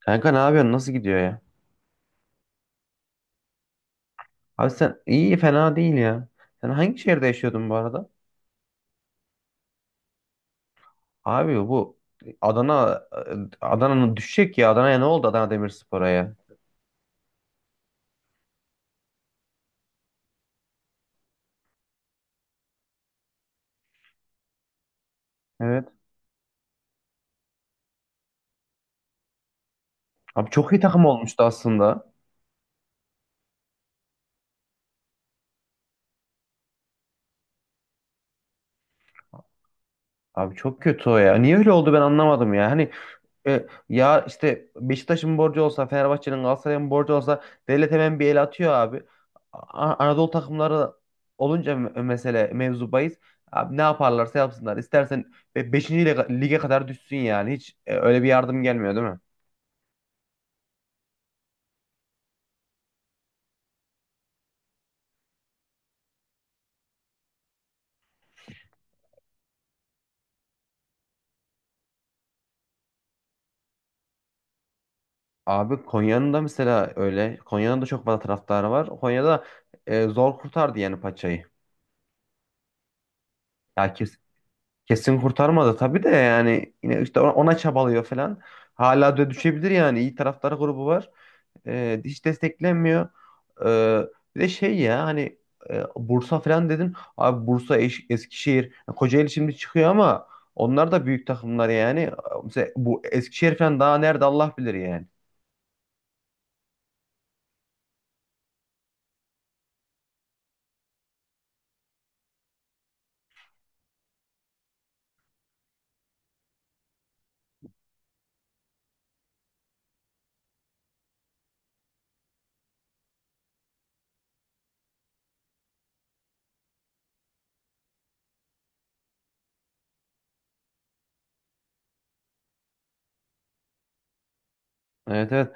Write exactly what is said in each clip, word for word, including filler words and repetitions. Kanka ne yapıyorsun? Nasıl gidiyor ya? Abi sen iyi fena değil ya. Sen hangi şehirde yaşıyordun bu arada? Abi bu Adana Adana'nın düşecek ya. Adana'ya ne oldu Adana Demirspor'a ya? Evet. Abi çok iyi takım olmuştu aslında. Abi çok kötü o ya. Niye öyle oldu ben anlamadım ya. Hani, E, ya işte Beşiktaş'ın borcu olsa, Fenerbahçe'nin, Galatasaray'ın borcu olsa devlet hemen bir el atıyor abi. A- Anadolu takımları olunca me- mesele mevzu bahis. Abi ne yaparlarsa yapsınlar. İstersen beşinci lige, lige kadar düşsün yani. Hiç e, öyle bir yardım gelmiyor değil mi? Abi Konya'nın da mesela öyle. Konya'nın da çok fazla taraftarı var. Konya'da e, zor kurtardı yani paçayı. Ya kes- kesin kurtarmadı tabii de yani yine işte ona, ona çabalıyor falan. Hala da düşebilir yani. İyi taraftar grubu var. E, hiç desteklenmiyor. E, Bir de şey ya hani e, Bursa falan dedin. Abi Bursa, Eş- Eskişehir, Kocaeli şimdi çıkıyor ama onlar da büyük takımlar yani. E, Mesela bu Eskişehir falan daha nerede Allah bilir yani. Evet, evet.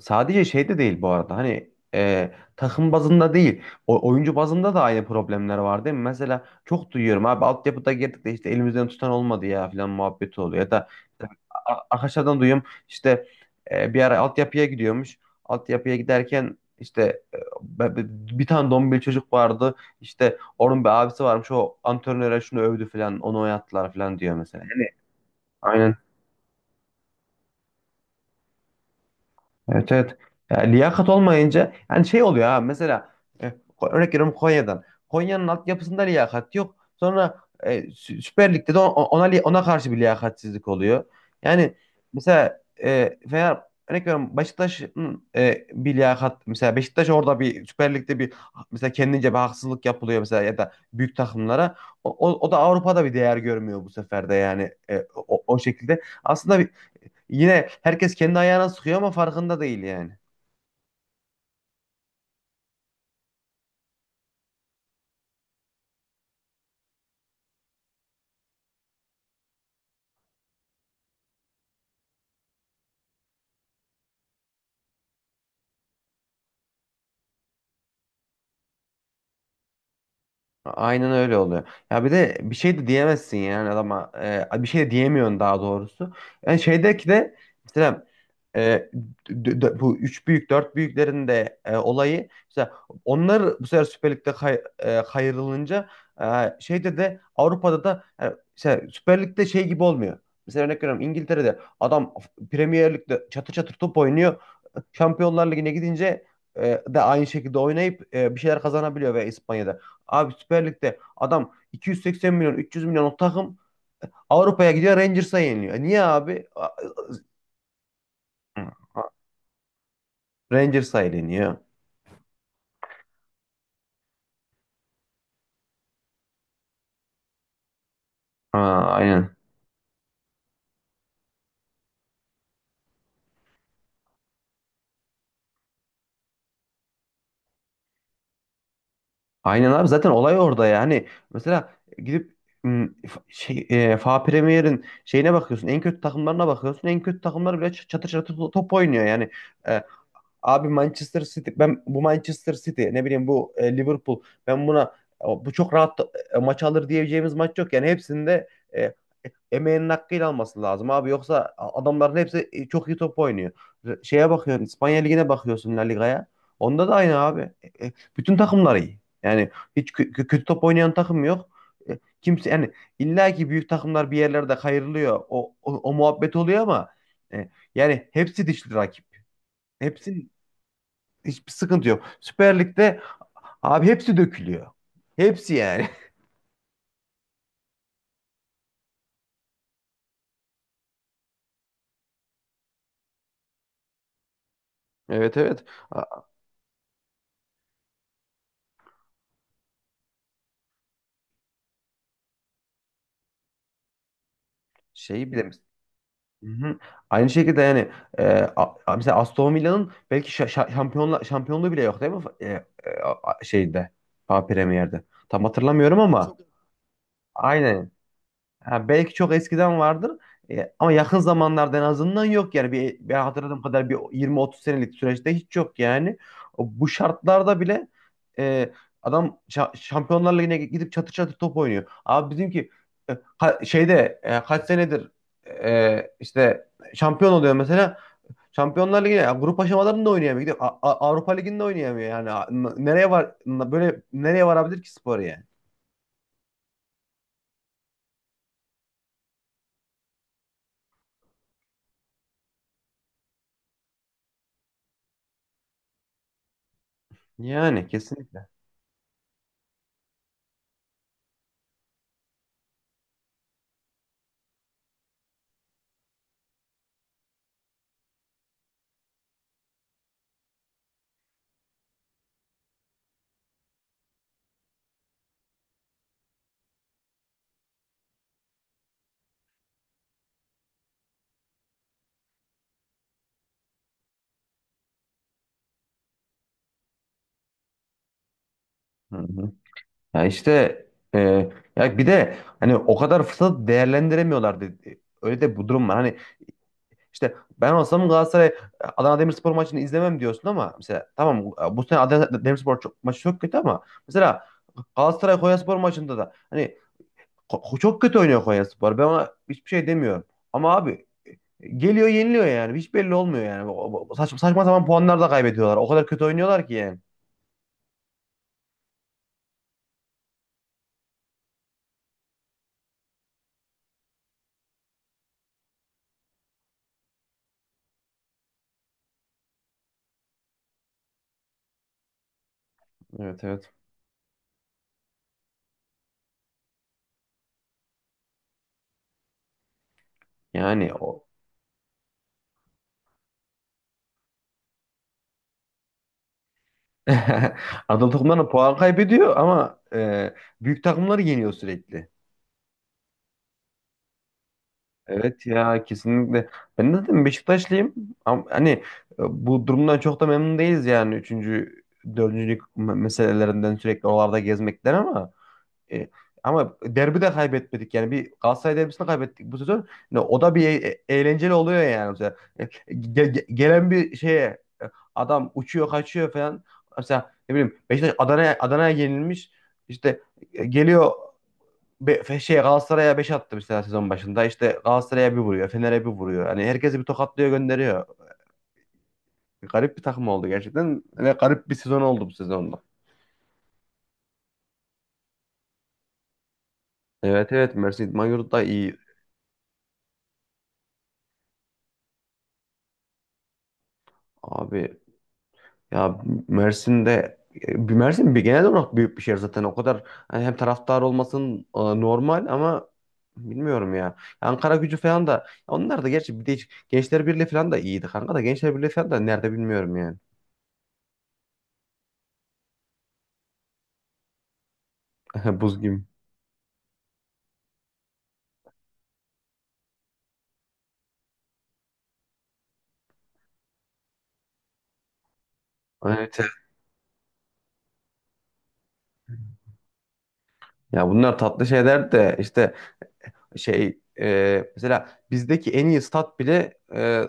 Sadece şey de değil bu arada. Hani e, takım bazında değil. O, oyuncu bazında da aynı problemler var değil mi? Mesela çok duyuyorum abi altyapıda girdik de işte elimizden tutan olmadı ya falan muhabbeti oluyor. Ya da işte a- arkadaşlardan duyuyorum işte e, bir ara altyapıya gidiyormuş. Altyapıya giderken işte e, be- be- bir tane dombil çocuk vardı. İşte onun bir abisi varmış o antrenöre şunu övdü falan onu oynattılar falan diyor mesela. Yani, aynen. Evet, evet. Ya, liyakat olmayınca yani şey oluyor ha mesela e, Ko- örnek veriyorum Konya'dan. Konya'nın altyapısında liyakat yok. Sonra e, Sü- Süper Lig'de de o- ona li- ona karşı bir liyakatsizlik oluyor. Yani mesela e, Fener örnek veriyorum Beşiktaş'ın e, bir liyakat mesela Beşiktaş orada bir Süper Lig'de bir mesela kendince bir haksızlık yapılıyor mesela ya da büyük takımlara. O, o, o da Avrupa'da bir değer görmüyor bu sefer de yani e, o, o şekilde. Aslında, yine herkes kendi ayağına sıkıyor ama farkında değil yani. Aynen öyle oluyor. Ya bir de bir şey de diyemezsin yani adama. Ee, bir şey de diyemiyorsun daha doğrusu. Yani şeydeki de mesela e, d- d- bu üç büyük dört büyüklerin de e, olayı mesela onlar bu sefer Süper Lig'de kay, e, kayrılınca e, şeyde de Avrupa'da da yani mesela Süper Lig'de şey gibi olmuyor. Mesela örnek veriyorum İngiltere'de adam Premier Lig'de çatır çatır top oynuyor. Şampiyonlar Ligi'ne gidince e, de aynı şekilde oynayıp e, bir şeyler kazanabiliyor ve İspanya'da. Abi Süper Lig'de adam iki yüz seksen milyon üç yüz milyon o takım Avrupa'ya gidiyor Rangers'a yeniliyor. E Niye abi? A- Rangers'a yeniliyor. Ha, aynen. Aynen abi zaten olay orada ya. Hani mesela gidip m, f- şey, e, F A Premier'in şeyine bakıyorsun. En kötü takımlarına bakıyorsun. En kötü takımlar bile ç- çatır çatır to- top oynuyor. Yani e, abi Manchester City ben bu Manchester City ne bileyim bu e, Liverpool ben buna e, bu çok rahat e, maç alır diyeceğimiz maç yok. Yani hepsinde e, emeğinin hakkıyla alması lazım abi. Yoksa a- adamların hepsi e, çok iyi top oynuyor. Şeye bakıyorsun İspanya Ligi'ne bakıyorsun La Liga'ya. Onda da aynı abi. E, e, bütün takımlar iyi. Yani hiç kö- kö- kötü top oynayan takım yok. E, kimse yani illa ki büyük takımlar bir yerlerde kayırılıyor. O, o, o muhabbet oluyor ama e, yani hepsi dişli rakip. Hepsi hiçbir sıkıntı yok. Süper Lig'de abi hepsi dökülüyor. Hepsi yani. Evet, evet. A- Şeyi bile. Hı hı. Aynı şekilde yani e, a- a- mesela Aston Villa'nın belki şa- şa- şampiyonla şampiyonluğu bile yok değil mi? E, e, a- Şeyde, Fa Premier'de. Tam hatırlamıyorum ama çok. Aynen. Ha, belki çok eskiden vardır. E, ama yakın zamanlarda en azından yok yani bir, ben hatırladığım kadar bir yirmi otuz senelik süreçte hiç yok yani. O- Bu şartlarda bile e, adam şa- Şampiyonlar Ligi'ne gidip çatır çatır top oynuyor. Abi bizimki e, ka- şeyde e, kaç senedir e, işte şampiyon oluyor mesela. Şampiyonlar Ligi'ne ya grup aşamalarında oynayamıyor. Gidip A- A- Avrupa Ligi'nde oynayamıyor yani. A- n- Nereye var n- böyle nereye varabilir ki spor yani? Yani kesinlikle. Hı hı. Ya işte e, ya bir de hani o kadar fırsatı değerlendiremiyorlardı. Öyle de bu durum var. Hani işte ben olsam Galatasaray e, Adana Demirspor maçını izlemem diyorsun ama mesela tamam e, bu sene Adana Demirspor çok, maçı çok kötü ama mesela Galatasaray Konyaspor maçında da hani ko- çok kötü oynuyor Konyaspor. Ben ona hiçbir şey demiyorum. Ama abi geliyor yeniliyor yani. Hiç belli olmuyor yani. O- o- Saçma saçma sapan puanlar da kaybediyorlar. O kadar kötü oynuyorlar ki yani. Evet, evet. Yani o, Anadolu takımlarına puan kaybediyor ama e, büyük takımları yeniyor sürekli. Evet ya, kesinlikle. Ben de zaten Beşiktaşlıyım. Ama hani e, bu durumdan çok da memnun değiliz yani. Üçüncü, dördüncülük m- meselelerinden sürekli oralarda gezmekten ama E, ama derbi de kaybetmedik yani bir Galatasaray derbisini kaybettik bu sezon. Yani o da bir e- e, eğlenceli oluyor yani. Mesela, e, ge- ge- gelen bir şeye e, adam uçuyor kaçıyor falan. Mesela ne bileyim Beşiktaş Adana'ya Adana'ya yenilmiş. İşte e, geliyor be, fe- şey Galatasaray'a beş attı mesela sezon başında. İşte Galatasaray'a bir vuruyor, Fener'e bir vuruyor. Hani herkesi bir tokatlıyor gönderiyor. Garip bir takım oldu gerçekten ve garip bir sezon oldu bu sezonda. Evet, evet, Mersin İdman Yurdu da iyi. Abi, ya Mersin'de e, Mersin bir genel olarak büyük bir şehir zaten. O kadar hani hem taraftar olmasın e, normal ama bilmiyorum ya. Ankara Gücü falan da onlar da gerçi bir de hiç- Gençler Birliği falan da iyiydi kanka da Gençler Birliği falan da nerede bilmiyorum yani. Buz gibi. Evet. Evet. Ya bunlar tatlı şeyler de işte şey e, mesela bizdeki en iyi stat bile e,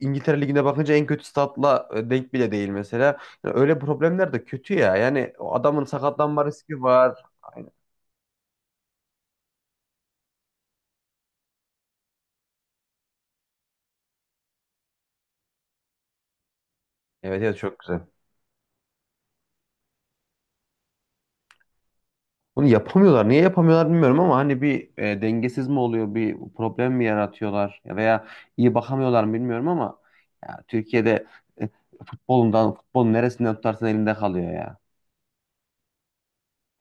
İngiltere Ligi'ne bakınca en kötü statla e, denk bile değil mesela. Yani öyle problemler de kötü ya. Yani o adamın sakatlanma riski var. Aynen. Evet, evet, çok güzel. Bunu yapamıyorlar. Niye yapamıyorlar bilmiyorum ama hani bir e, dengesiz mi oluyor, bir problem mi yaratıyorlar ya veya iyi bakamıyorlar mı bilmiyorum ama ya Türkiye'de e, futbolundan, futbolun neresinden tutarsan elinde kalıyor ya.